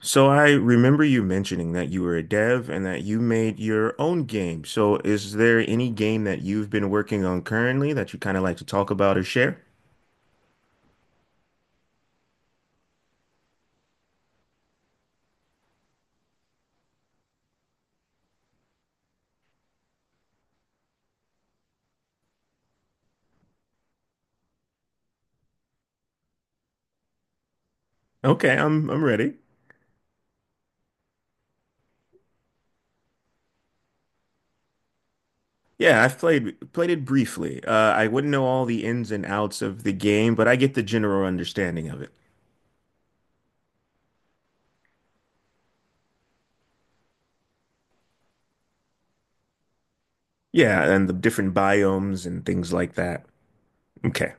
So I remember you mentioning that you were a dev and that you made your own game. So is there any game that you've been working on currently that you kind of like to talk about or share? Okay, I'm ready. Yeah, I've played it briefly. I wouldn't know all the ins and outs of the game, but I get the general understanding of it. Yeah, and the different biomes and things like that. Okay.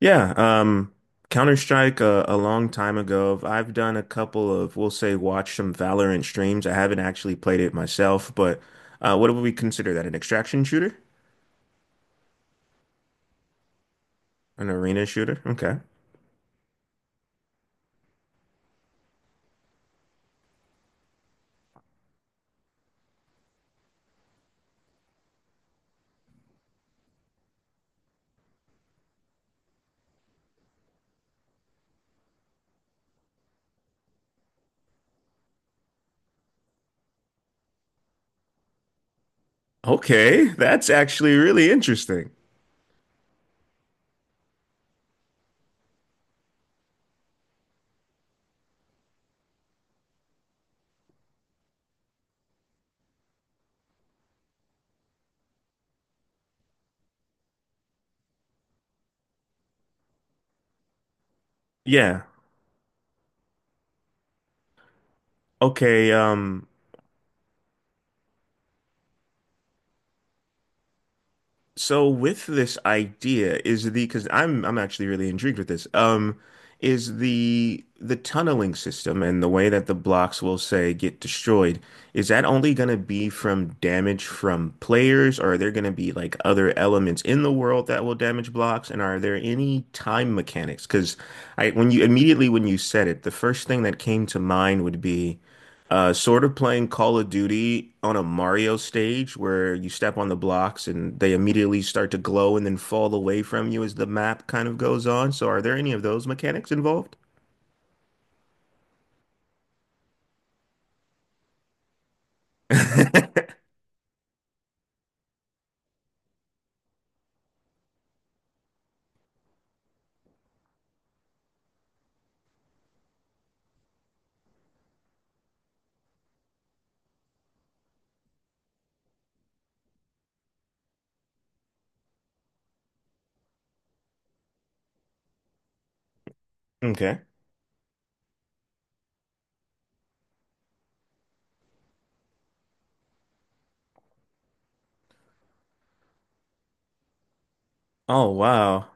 Yeah, Counter-Strike a long time ago. I've done a couple of, we'll say, watch some Valorant streams. I haven't actually played it myself, but what would we consider that? An extraction shooter? An arena shooter? Okay. Okay, that's actually really interesting. Yeah. Okay, so with this idea is the because I'm actually really intrigued with this. Is the tunneling system and the way that the blocks will say get destroyed, is that only going to be from damage from players, or are there going to be like other elements in the world that will damage blocks? And are there any time mechanics? Because I when you immediately when you said it, the first thing that came to mind would be sort of playing Call of Duty on a Mario stage where you step on the blocks and they immediately start to glow and then fall away from you as the map kind of goes on. So, are there any of those mechanics involved? Okay. Oh, wow.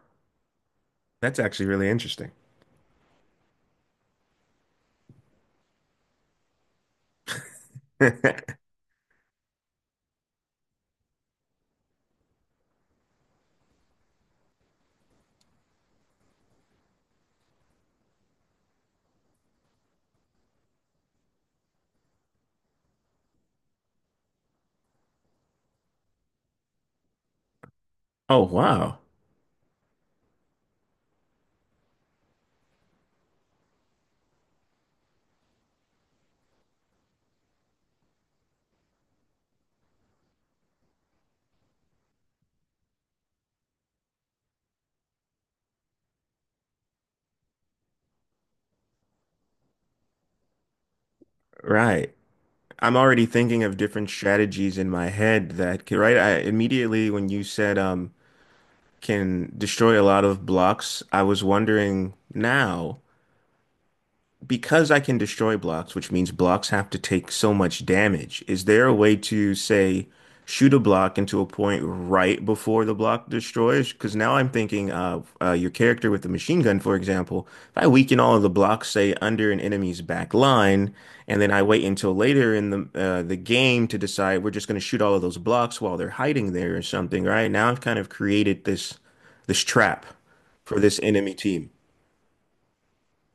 That's actually really interesting. Oh, wow. Right. I'm already thinking of different strategies in my head that can, right? I immediately when you said can destroy a lot of blocks, I was wondering now. Because I can destroy blocks, which means blocks have to take so much damage, is there a way to say shoot a block into a point right before the block destroys? Because now I'm thinking of your character with the machine gun, for example. If I weaken all of the blocks, say under an enemy's back line, and then I wait until later in the the game to decide we're just going to shoot all of those blocks while they're hiding there or something, right? Now I've kind of created this trap for this enemy team.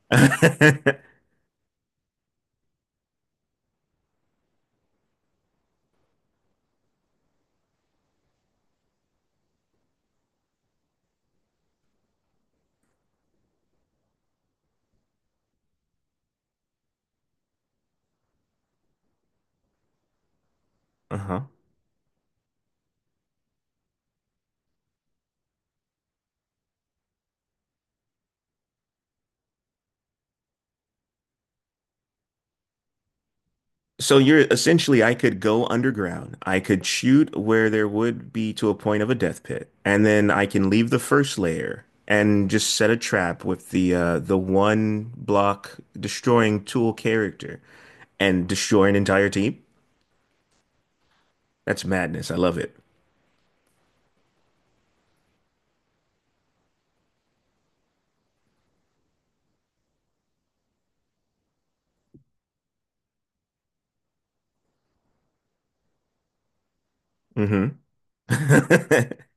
Uh-huh. So you're essentially, I could go underground. I could shoot where there would be to a point of a death pit, and then I can leave the first layer and just set a trap with the the one block destroying tool character and destroy an entire team. That's madness. I love it. Hmm.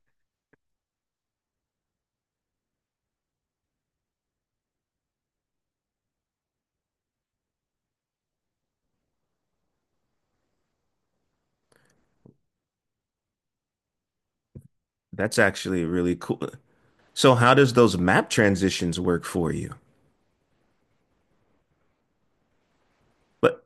That's actually really cool. So how does those map transitions work for you? But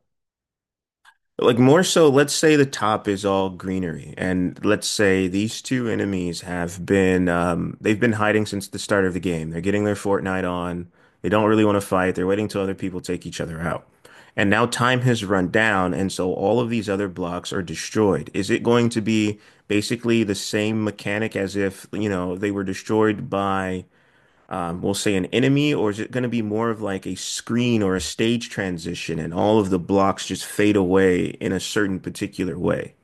like more so, let's say the top is all greenery, and let's say these two enemies have been they've been hiding since the start of the game. They're getting their Fortnite on. They don't really want to fight. They're waiting till other people take each other out. And now time has run down, and so all of these other blocks are destroyed. Is it going to be basically the same mechanic as if, you know, they were destroyed by we'll say an enemy, or is it going to be more of like a screen or a stage transition and all of the blocks just fade away in a certain particular way?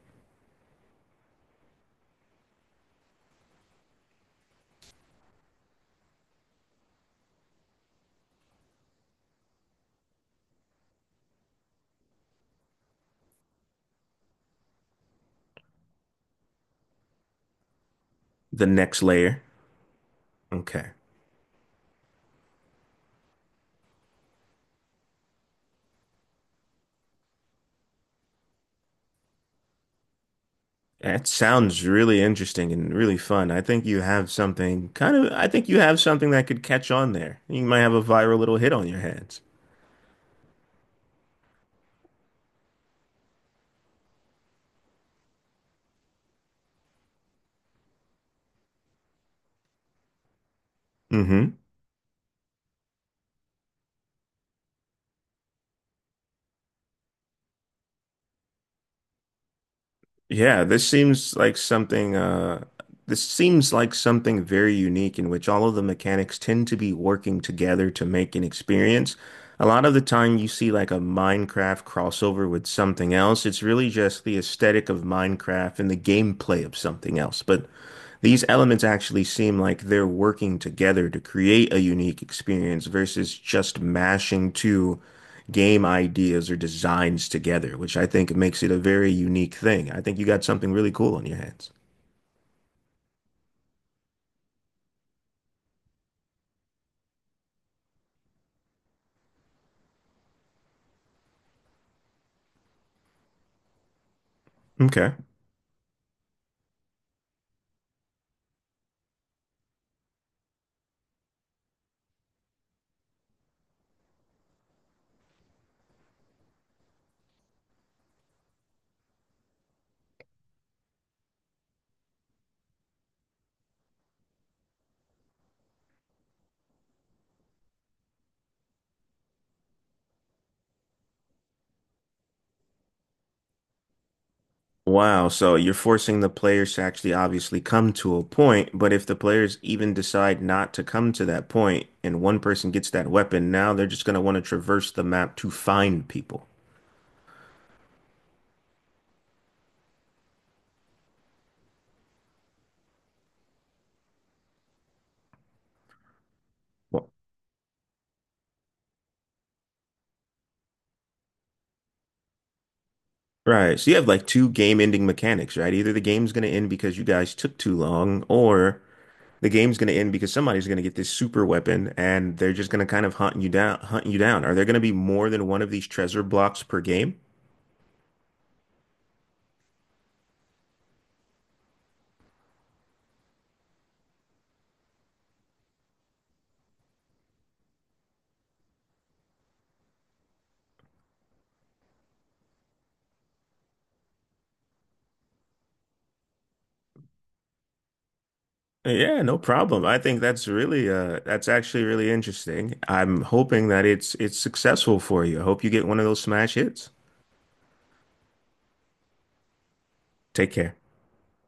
The next layer. Okay. That sounds really interesting and really fun. I think you have something kind of, I think you have something that could catch on there. You might have a viral little hit on your hands. Hmm. Yeah, this seems like something this seems like something very unique in which all of the mechanics tend to be working together to make an experience. A lot of the time you see like a Minecraft crossover with something else. It's really just the aesthetic of Minecraft and the gameplay of something else. But these elements actually seem like they're working together to create a unique experience versus just mashing two game ideas or designs together, which I think makes it a very unique thing. I think you got something really cool on your hands. Okay. Wow, so you're forcing the players to actually obviously come to a point, but if the players even decide not to come to that point and one person gets that weapon, now they're just going to want to traverse the map to find people. Right. So you have like two game-ending mechanics, right? Either the game's going to end because you guys took too long, or the game's going to end because somebody's going to get this super weapon and they're just going to kind of hunt you down, hunt you down. Are there going to be more than one of these treasure blocks per game? Yeah, no problem. I think that's really that's actually really interesting. I'm hoping that it's successful for you. I hope you get one of those smash hits. Take care.